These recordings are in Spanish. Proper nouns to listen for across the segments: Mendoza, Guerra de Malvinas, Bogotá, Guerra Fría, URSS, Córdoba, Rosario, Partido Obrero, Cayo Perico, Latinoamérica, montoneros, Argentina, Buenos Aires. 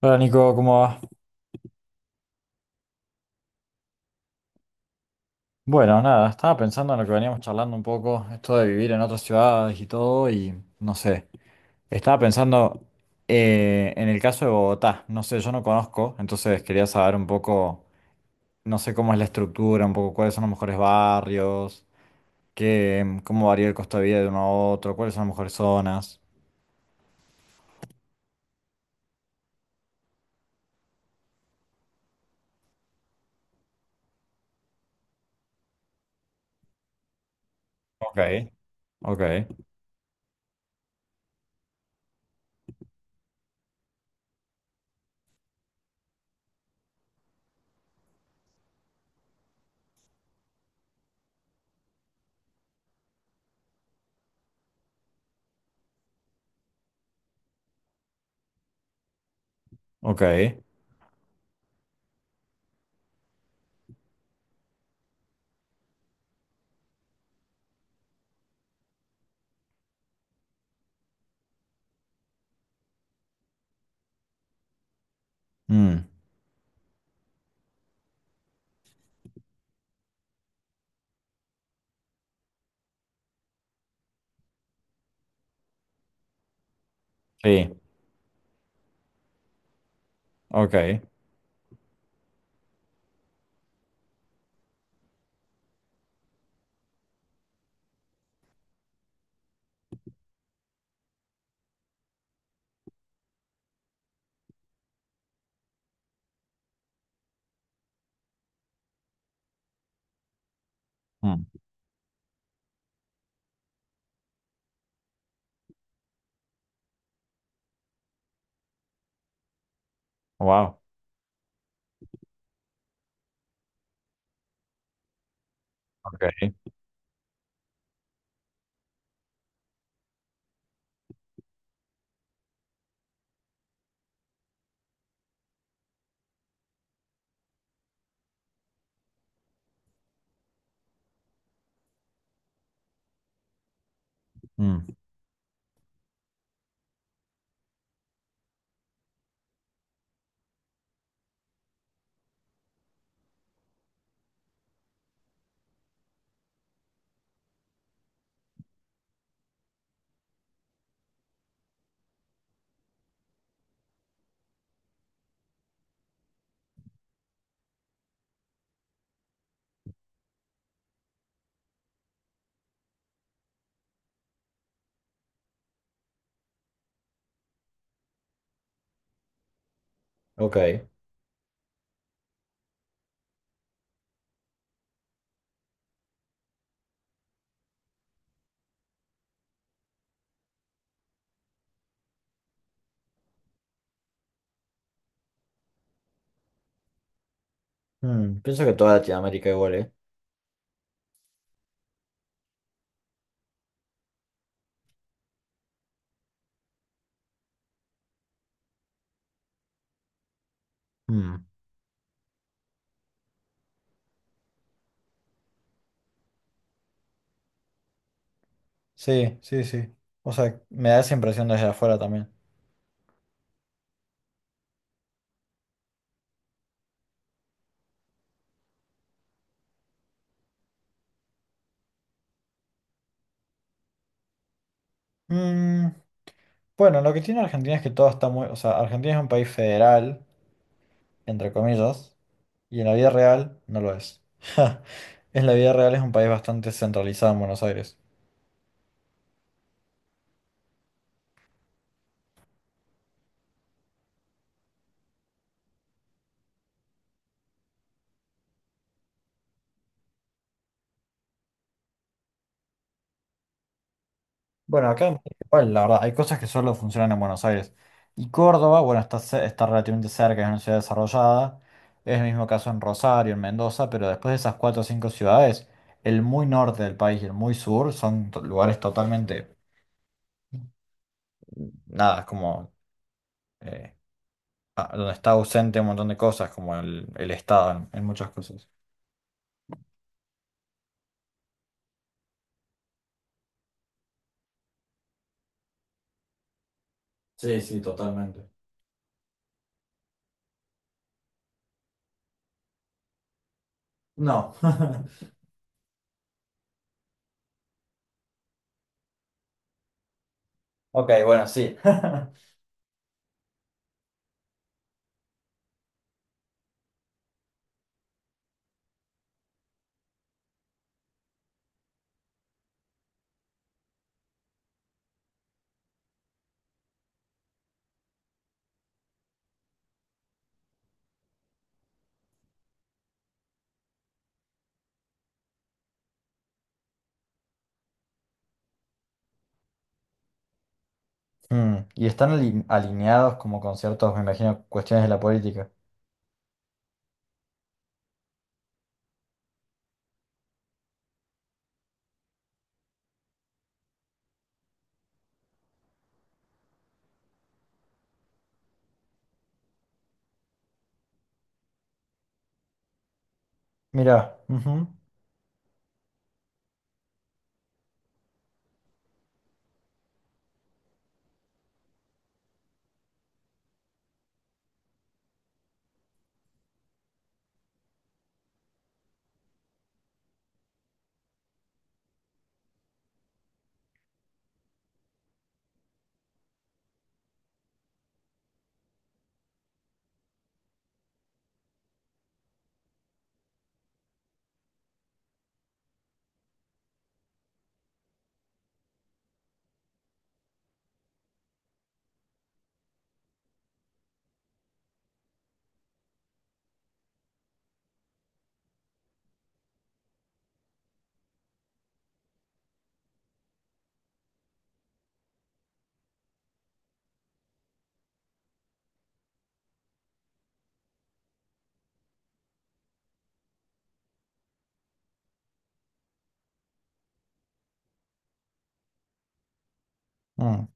Hola Nico, ¿cómo va? Bueno, nada, estaba pensando en lo que veníamos charlando un poco, esto de vivir en otras ciudades y todo, y no sé, estaba pensando en el caso de Bogotá, no sé, yo no conozco, entonces quería saber un poco, no sé cómo es la estructura, un poco cuáles son los mejores barrios, qué, cómo varía el costo de vida de uno a otro, cuáles son las mejores zonas. Ok. Ok. Ok. Mm. Sí. Ok. Mm. Wow. Ok. Mm. Ok. Mm, pienso que toda Latinoamérica igual, ¿eh? Mm. Sí, sí, sí. O sea, me da esa impresión desde afuera también. Mm, bueno, lo que tiene Argentina es que todo está muy. O sea, Argentina es un país federal, entre comillas, y en la vida real no lo es. En la vida real es un país bastante centralizado en Buenos Aires. Bueno, acá en México igual, la verdad, hay cosas que solo funcionan en Buenos Aires. Y Córdoba, bueno, está, está relativamente cerca, es una ciudad desarrollada. Es el mismo caso en Rosario, en Mendoza, pero después de esas cuatro o cinco ciudades, el muy norte del país y el muy sur son lugares totalmente, nada, es como eh, donde está ausente un montón de cosas, como el Estado en muchas cosas. Sí, sí, totalmente. No. Ok, bueno, sí. Mm, y están alineados como con ciertos, me imagino, cuestiones de la política. Mirá, ujú, mm.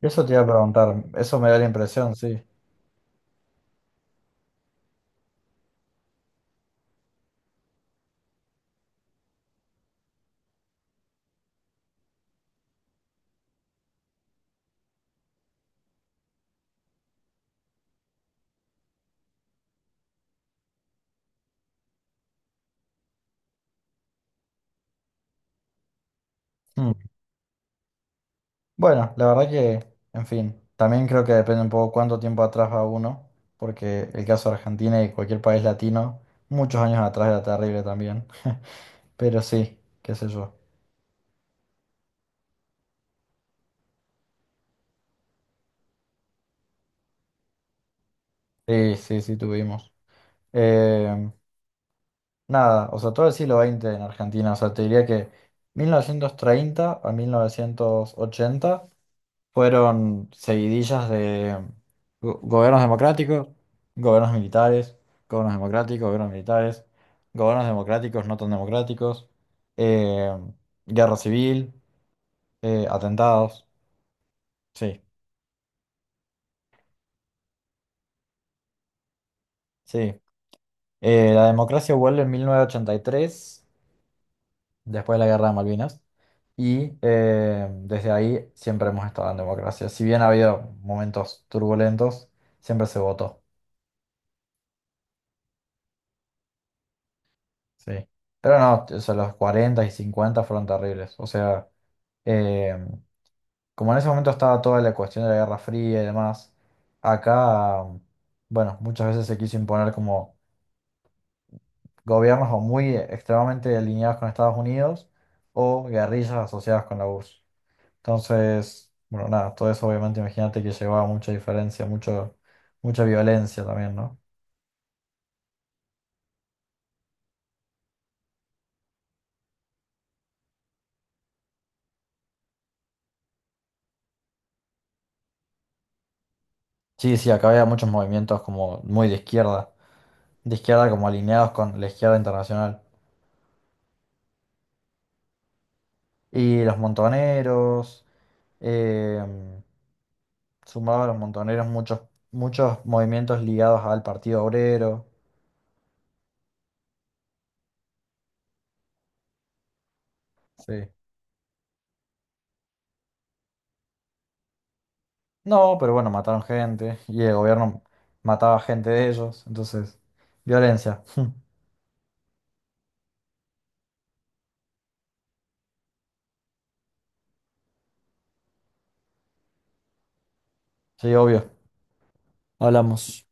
Eso te iba a preguntar, eso me da la impresión, sí. Mm. Bueno, la verdad que, en fin, también creo que depende un poco cuánto tiempo atrás va uno, porque el caso de Argentina y cualquier país latino, muchos años atrás era terrible también, pero sí, qué sé yo. Sí, sí, sí, tuvimos. Eh, Nada, o sea, todo el siglo XX en Argentina, o sea, te diría que 1930 a 1980 fueron seguidillas de gobiernos democráticos, gobiernos militares, gobiernos democráticos, gobiernos militares, gobiernos democráticos no tan democráticos, eh, guerra civil, atentados. Sí, sí. La democracia vuelve en 1983, después de la guerra de Malvinas, y desde ahí siempre hemos estado en democracia. Si bien ha habido momentos turbulentos, siempre se votó. Sí. Pero no, o sea, los 40 y 50 fueron terribles. O sea, eh, como en ese momento estaba toda la cuestión de la Guerra Fría y demás, acá, bueno, muchas veces se quiso imponer como gobiernos o muy extremadamente alineados con Estados Unidos o guerrillas asociadas con la URSS. Entonces, bueno, nada, todo eso obviamente imagínate que llevaba mucha diferencia, mucho, mucha violencia también, ¿no? Sí, sí, acá había muchos movimientos como muy de izquierda como alineados con la izquierda internacional. Y los montoneros, eh, sumado a los montoneros muchos, muchos movimientos ligados al Partido Obrero. Sí. No, pero bueno, mataron gente y el gobierno mataba gente de ellos, entonces, violencia. Sí, obvio. Hablamos.